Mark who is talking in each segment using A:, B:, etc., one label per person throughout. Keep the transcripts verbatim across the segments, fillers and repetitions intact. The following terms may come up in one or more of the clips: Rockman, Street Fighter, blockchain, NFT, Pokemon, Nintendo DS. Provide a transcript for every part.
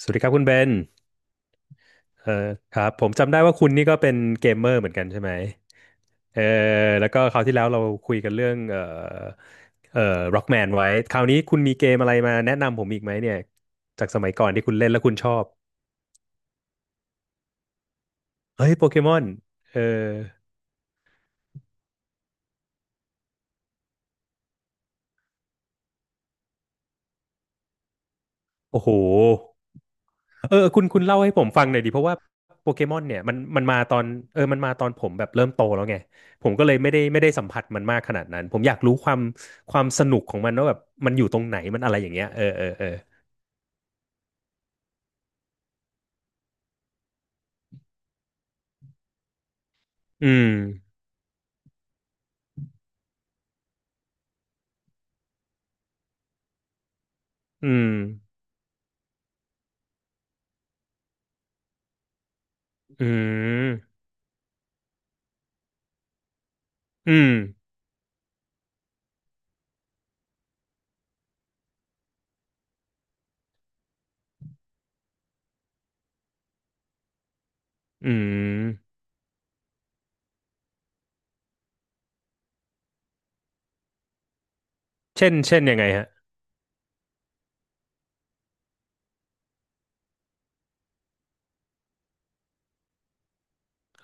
A: สวัสดีครับคุณเบนเออครับผมจำได้ว่าคุณนี่ก็เป็นเกมเมอร์เหมือนกันใช่ไหมเออแล้วก็คราวที่แล้วเราคุยกันเรื่องเออเออ Rockman ไว้คราวนี้คุณมีเกมอะไรมาแนะนำผมอีกไหมเนี่ยจากสมัยก่อนที่คุณเล่นแล้วคุณชอบเฮ้ยโปเกมอนเออโอ้โหเออคุณคุณเล่าให้ผมฟังหน่อยดิเพราะว่าโปเกมอนเนี่ยมันมันมาตอนเออมันมาตอนผมแบบเริ่มโตแล้วไงผมก็เลยไม่ได้ไม่ได้สัมผัสมันมากขนาดนั้นผมอยากรู้ความความสนุกของมันว่าแบบมันอยู่ตรงไหนมันอะไรอย่างเงี้ยเออเออเออ อืมอืมอืมอืมอืมเช่นเช่นยังไงฮะ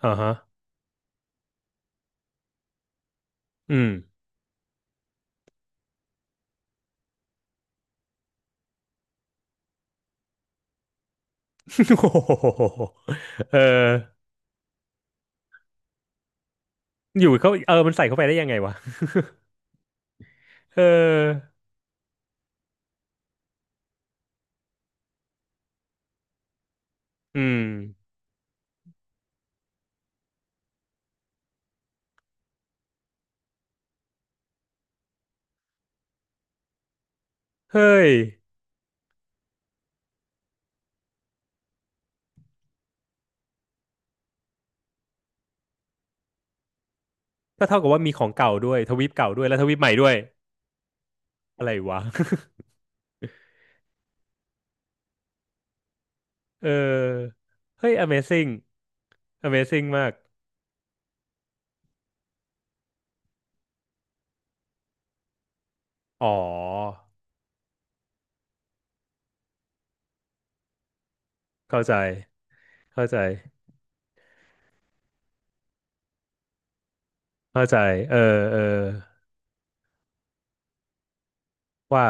A: อ่าฮะอืม โอ้โหเอออยู่เขาเออมันใส่เข้าไปได้ยังไงวะเอออืมเฮ้ยก็เท่ากับว่ามีของเก่าด้วยทวีปเก่าด้วยแล้วทวีปใหม่ด้วยอะไรวะ เออเฮ้ย Amazing Amazing มากอ๋อเข้าใจเข้าใจเข้าใจเออเออว่า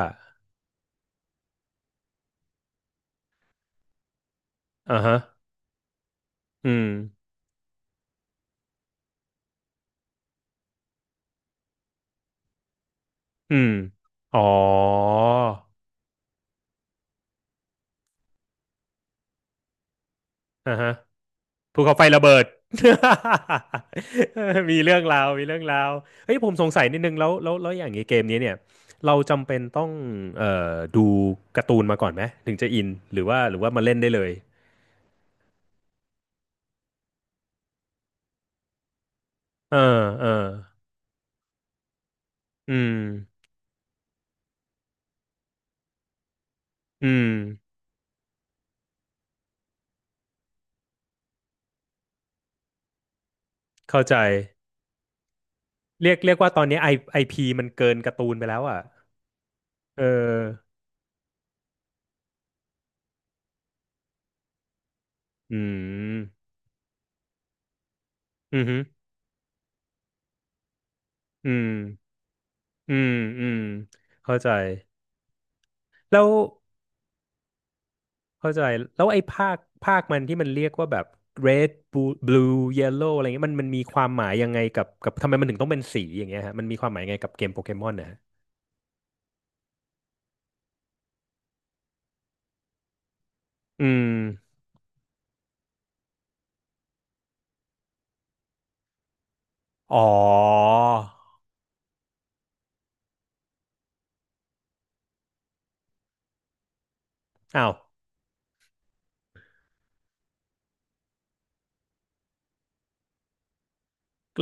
A: อ่าฮะอืม อืมอ๋ออ่าฮะภูเขาไฟระเบิด มีเรื่องราวมีเรื่องราว เฮ้ยผมสงสัยนิดนึงแล้วแล้วแล้วอย่างนี้เกมนี้เนี่ยเราจำเป็นต้องเอ่อดูการ์ตูนมาก่อนไหม ถึงจะอินหรือว่าหรือว่ามาเล่นได้เลยเออเอออืมอืมเข้าใจเรียกเรียกว่าตอนนี้ไอไอพีมันเกินการ์ตูนไปแล้วอ่ะเอออืมอืมอหืออืมอืมอืมเข้าใจ แล้ว เข้าใจแล้วไอ้ภาคภาคมันที่มันเรียกว่าแบบ red blue blue yellow อะไรเงี้ยมันมันมีความหมายยังไงกับกับทำไมมันถึงต้องเป็นสีอย่างเงี้ยฮะมันมีความหมายยังไงกับเกมโปเกมอนนะฮะอืมอ๋ออ้าว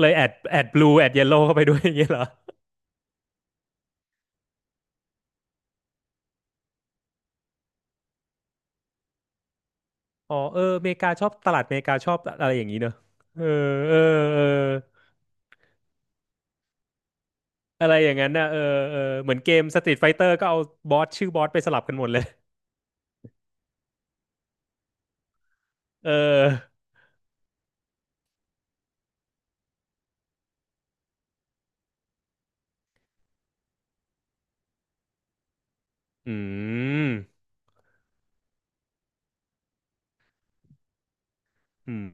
A: เลยแอดแอด blue แอด yellow เข้าไปด้วย อย่างเงี้ยเหรออ๋อเอออเมริกาชอบตลาดอเมริกาชอบอะไรอย่างนี้เนอะเออเออเอออะไรอย่างนั้นนะเออเออเหมือนเกม Street Fighter ก็เอาบอสชื่อบอสไปสลับกันหมดเลยเอออืม อืม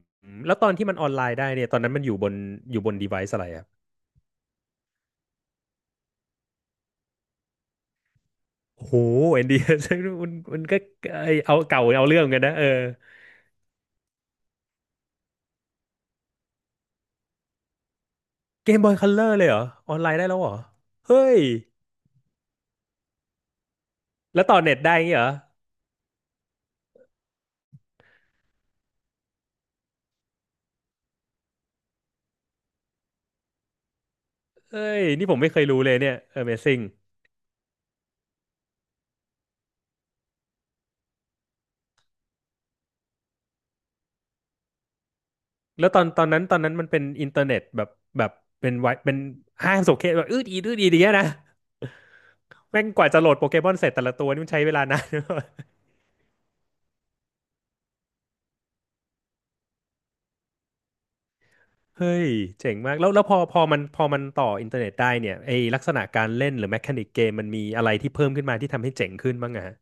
A: แล้วตอนที่มันออนไลน์ได้เนี่ยตอนนั้นมันอยู่บนอยู่บน device อะไรครับโอ้โหเอ็นดี มันมันก็ไอเอาเก่าเอาเรื่องกันนะเออเกมบอยคัลเลอร์เลยเหรอออนไลน์ได้แล้วเหรอเฮ้ยแล้วต่อเน็ตได้ยงี้เหรอเฮ้ยนี่ผมไม่เคยรู้เลยเนี่ย Amazing แล้วตอนตอนนั้นตอนนั้นมันเป็นอินเทอร์เน็ตแบบแบบเป็นไวเป็นห้างสโซเคแบบอืดอีดอืดอีดอย่างเงี้ยนะแม่งกว่าจะโหลดโปเกมอนเสร็จแต่ละตัวนี่มันใช้เวลานาน เฮ้ยเจ๋งมากแล้วแล้วพอพอมันพอมันต่ออินเทอร์เน็ตได้เนี่ยไอลักษณะการเล่นหรือแมคานิกเกมมันมีอะไรที่เพิ่มขึ้นมาที่ทำให้เจ๋งขึ้นบ้างอะฮะ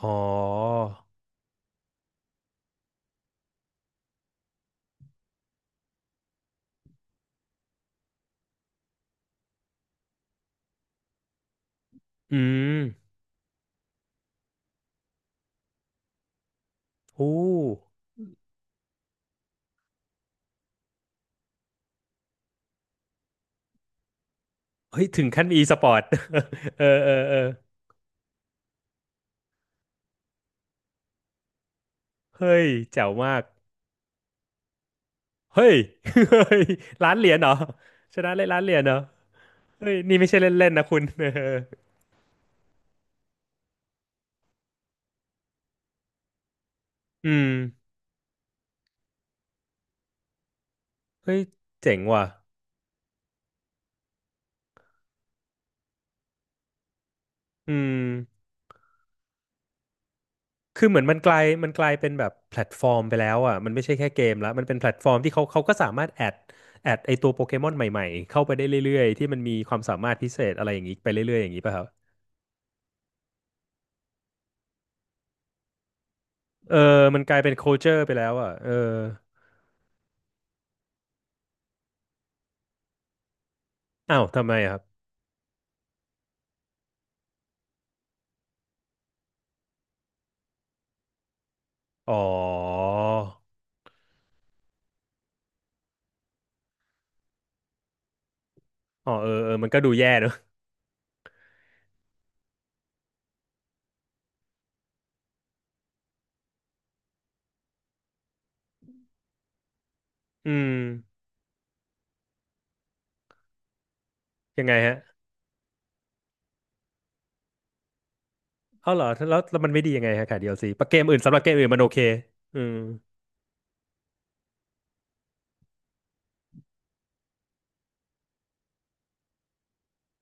A: อ๋ออืมโอ้เฮ้ยถึงขั้นมี e สปอร์ต เออเออเออเฮ้ยแจ๋วมากเฮ้ย เฮ้ยล้านเหรียญเหรอชนะเลยล้านเหรียญเหรอเฮ้ยนี่ไม่ใช่เล่นๆนะคุณ เอออืมเฮ้ยเจ๋งว่ะอืม คือเหมือนมันกลายมันกลายเป็นแบบแพลตฟอร์มไปแล้วอ่ะมันไม่ใช่แค่เกมละมันเป็นแพลตฟอร์มที่เขาเขาก็สามารถแอดแอดไอตัวโปเกมอนใหม่ๆเข้าไปได้เรื่อยๆที่มันมีความสามารถพิเศษอะไรอย่างนี้ไปเรื่อยๆอย่างนี้ป่ะครับเออมันกลายเป็น culture ไปแล้วอ่ะเอออ้าวทำไมอะครับอ๋ออ๋อเออเออมันก็ดูแย่เนอะอืมยังไงฮะเอาเหรอแล้วแล้วมันไม่ดียังไงฮะค่ะ ดี แอล ซี ปะเกมอื่นสำหรับเกมอื่นมันโอเคอืม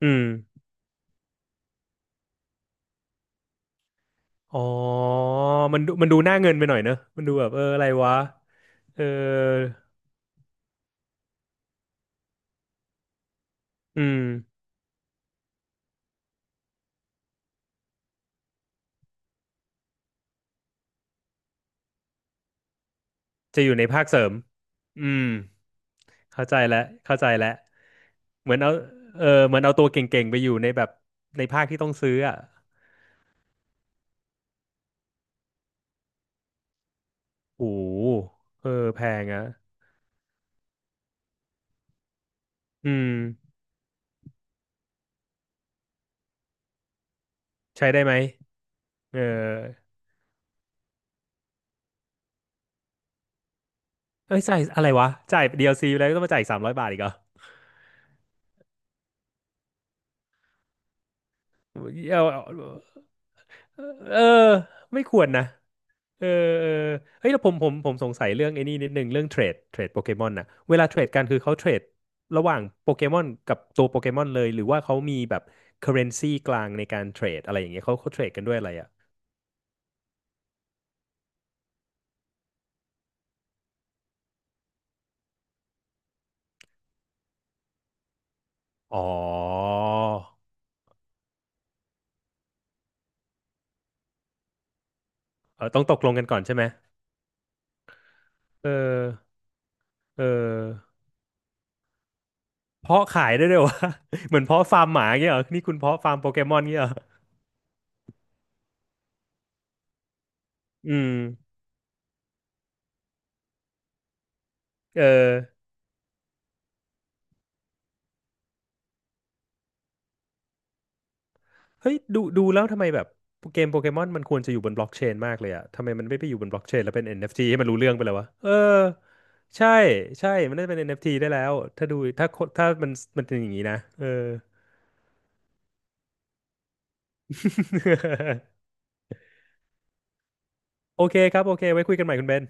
A: อืม อ๋อมันดูมันดูหน้าเงินไปหน่อยเนอะมันดูแบบเอออะไรวะเอออืมจะอยู่ในภาคเสริม อืม เข้าใจแล้วเข้าใจแล้วเหมือนเอา เออ เหมือนเอาตัวเก่งๆไปอยู่ในแบบ ในภาคที่ต้องซื้ออ่ะโอ้โหเออ แพงอ่ะอืมใช้ได้ไหมเออเอ้ยจ่ายอะไรวะ จ่าย ดี แอล ซี ไปแล้วก็ต้องมาจ่ายสามร้อยบาทอีกเหรอเอาเอาเออไม่ควรนะ เออเออเฮ้ยแล้วผมผมผมสงสัยเรื่องไอ้นี่นิดนึงเรื่องเทรดเทรดโปเกมอนน่ะเวลาเทรดกันคือเขาเทรดระหว่างโปเกมอนกับตัวโปเกมอนเลยหรือว่าเขามีแบบเคอเรนซีกลางในการเทรดอะไรอย่างเงี้ยเขาเขาเทรดกันด้วยอะไรอ่ะอ๋อเออต้องตกลงกันก่อนใช่ไหมเออเออเพาะขายได้ด้วยวะ เหมือนเพาะฟาร์มหมาเงี้ยเหรอนี่คุณเพาะฟาร์มโปเกมอนเงี้ยเหรออืมเออ เฮ้ยดูดูแล้วทำไมแบบเกมโปเกมอนมันควรจะอยู่บนบล็อกเชนมากเลยอะทำไมมันไม่ไปอยู่บนบล็อกเชนแล้วเป็น เอ็น เอฟ ที ให้มันรู้เรื่องไปเลยวะเออใช่ใช่มันน่าจะเป็น เอ็น เอฟ ที ได้แล้วถ้าดูถ้าถ้ามันมันเป็นอย่างนี้นะเออ โอเคครับโอเคไว้คุยกันใหม่คุณเบน